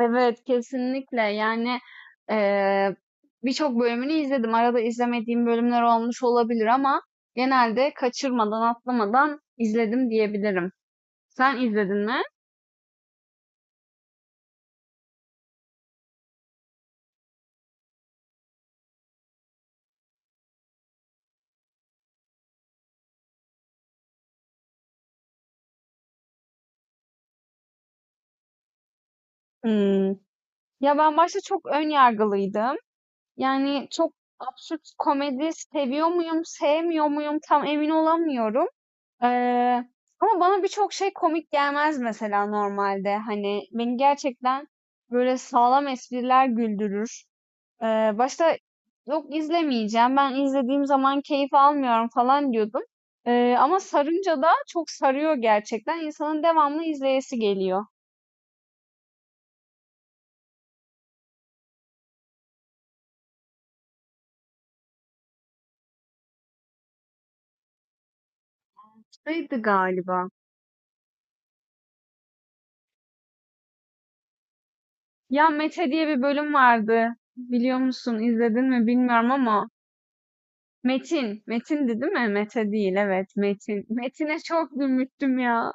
Evet, kesinlikle. Eee, Birçok bölümünü izledim. Arada izlemediğim bölümler olmuş olabilir ama genelde kaçırmadan, atlamadan izledim diyebilirim. Sen izledin mi? Hımm. Ya, ben başta çok ön yargılıydım. Yani, çok absürt komedi seviyor muyum, sevmiyor muyum tam emin olamıyorum. Eee, Ama bana birçok şey komik gelmez mesela normalde. Hani, beni gerçekten böyle sağlam espriler güldürür. Başta "Yok, izlemeyeceğim, ben izlediğim zaman keyif almıyorum." falan diyordum. Ama sarınca da çok sarıyor gerçekten. İnsanın devamlı izleyesi geliyor. Neydi galiba, ya Mete diye bir bölüm vardı. Biliyor musun, izledin mi bilmiyorum ama Metin, Metin'di, değil mi? Mete değil, evet, Metin. Metin'e çok gülmüştüm ya.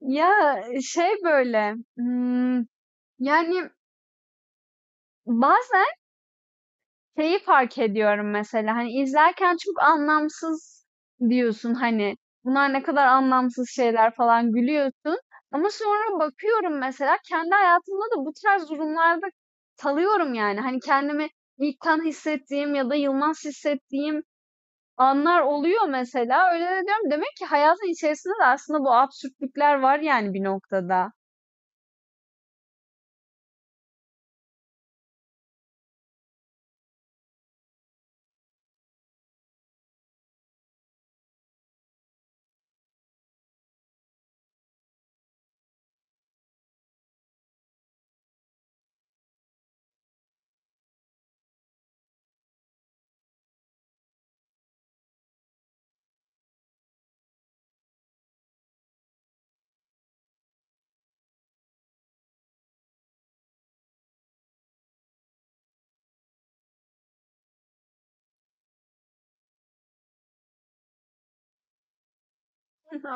Ya, şey, yani, bazen şeyi fark ediyorum mesela, hani, izlerken çok anlamsız diyorsun, hani, bunlar ne kadar anlamsız şeyler falan gülüyorsun ama sonra bakıyorum mesela kendi hayatımda da bu tarz durumlarda kalıyorum, yani. Hani, kendimi ilkten hissettiğim ya da yılmaz hissettiğim anlar oluyor mesela. Öyle de diyorum, demek ki hayatın içerisinde de aslında bu absürtlükler var, yani, bir noktada.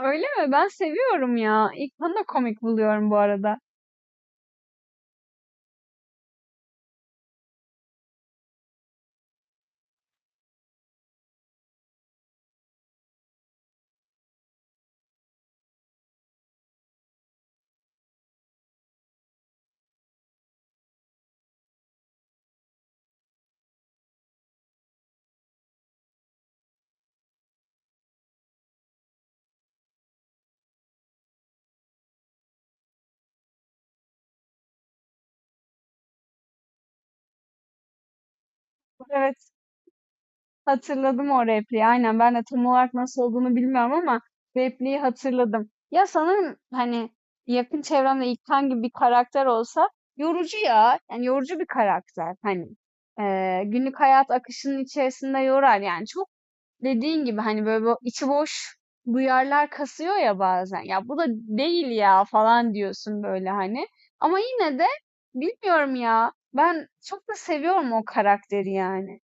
Öyle mi? Ben seviyorum ya. İlknur'u da komik buluyorum bu arada. Evet, hatırladım o repliği. Aynen ben de tam olarak nasıl olduğunu bilmiyorum ama repliği hatırladım. Ya sanırım hani yakın çevremde İlkan gibi bir karakter olsa yorucu ya. Yani yorucu bir karakter. Hani günlük hayat akışının içerisinde yorar yani. Çok dediğin gibi hani böyle bu içi boş duyarlar kasıyor ya bazen. Ya bu da değil ya falan diyorsun böyle hani. Ama yine de bilmiyorum ya. Ben çok da seviyorum o karakteri yani.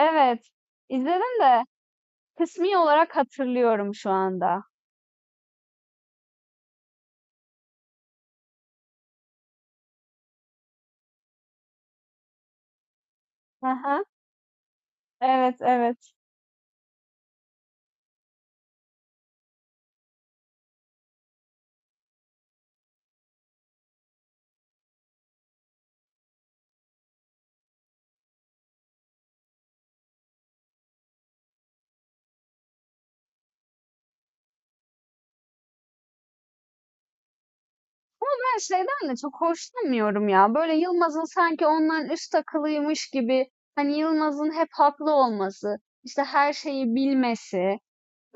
Evet, izledim de kısmi olarak hatırlıyorum şu anda. Hı hı. Evet, evet. Ben şeyden de çok hoşlanmıyorum ya. Böyle Yılmaz'ın sanki ondan üst akıllıymış gibi hani Yılmaz'ın hep haklı olması, işte her şeyi bilmesi,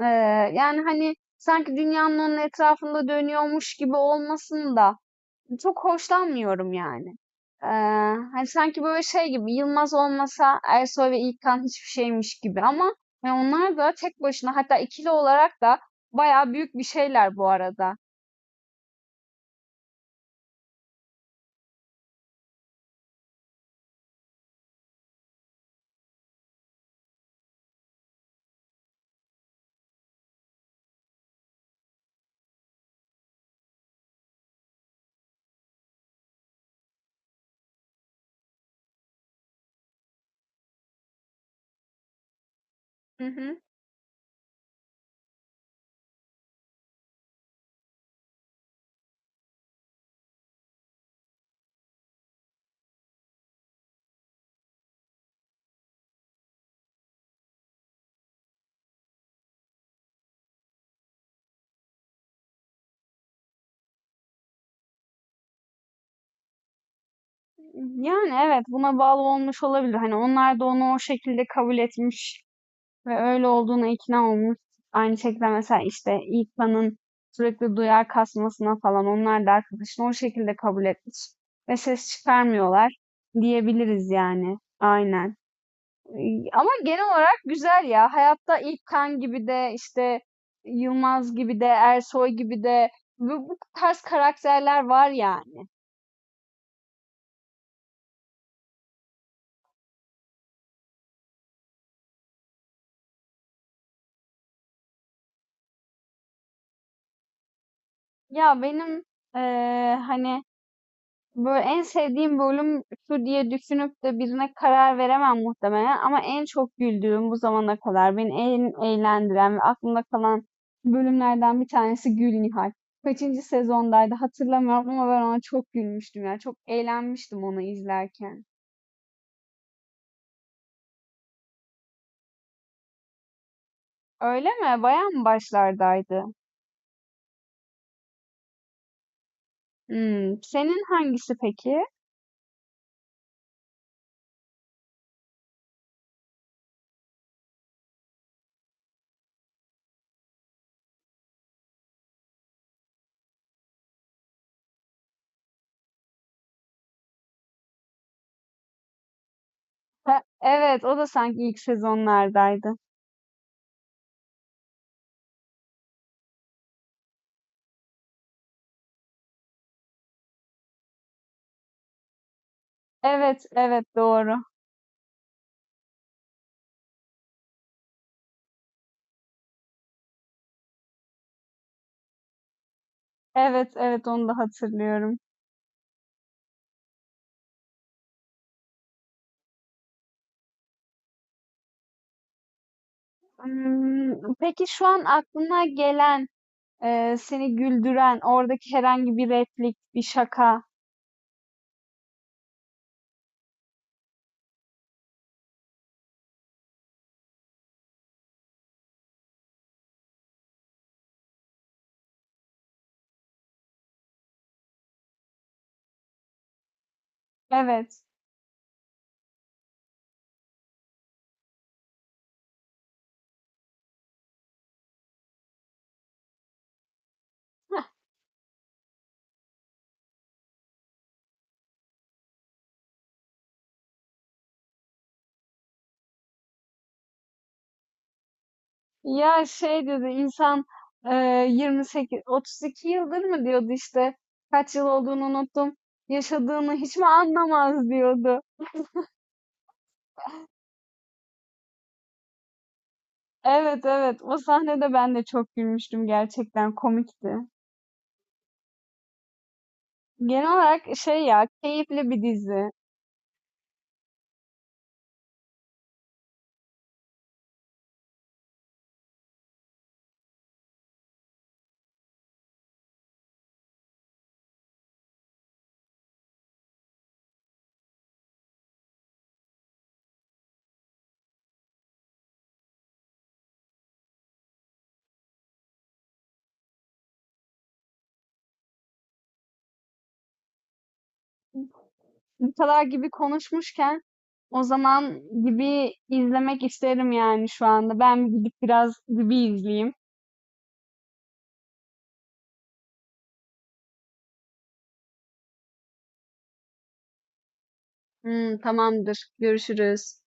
Yani, hani, sanki dünyanın onun etrafında dönüyormuş gibi olmasını da çok hoşlanmıyorum yani. Eee, Hani, sanki böyle şey gibi, Yılmaz olmasa Ersoy ve İlkan hiçbir şeymiş gibi ama, hani, onlar da tek başına hatta ikili olarak da bayağı büyük bir şeyler bu arada. Hı hı. Yani, evet, buna bağlı olmuş olabilir. Hani, onlar da onu o şekilde kabul etmiş. Ve öyle olduğuna ikna olmuş. Aynı şekilde mesela işte İlkan'ın sürekli duyar kasmasına falan onlar da arkadaşını o şekilde kabul etmiş. Ve ses çıkarmıyorlar diyebiliriz yani. Aynen. Ama genel olarak güzel ya. Hayatta İlkan gibi de işte Yılmaz gibi de Ersoy gibi de bu tarz karakterler var yani. Ya benim eee, hani böyle en sevdiğim bölüm şu diye düşünüp de birine karar veremem muhtemelen ama en çok güldüğüm, bu zamana kadar beni en eğlendiren ve aklımda kalan bölümlerden bir tanesi Gül Nihal. Kaçıncı sezondaydı hatırlamıyorum ama ben ona çok gülmüştüm ya. Çok eğlenmiştim onu izlerken. Öyle mi? Bayağı mı başlardaydı? Hmm, senin hangisi peki? Ha, evet, o da sanki ilk sezonlardaydı. Evet, evet doğru. Evet, evet onu da hatırlıyorum. Imm, peki şu an aklına gelen, seni güldüren, oradaki herhangi bir replik, bir şaka? Evet. Ya, şey dedi, insan, 28 32 yıldır mı diyordu işte, kaç yıl olduğunu unuttum, yaşadığını hiç mi anlamaz diyordu. Evet, evet. O sahnede ben de çok gülmüştüm, gerçekten komikti. Genel olarak şey ya, keyifli bir dizi. Bu kadar gibi konuşmuşken o zaman gibi izlemek isterim yani şu anda. Ben gidip biraz gibi izleyeyim. Hmm, tamamdır. Görüşürüz.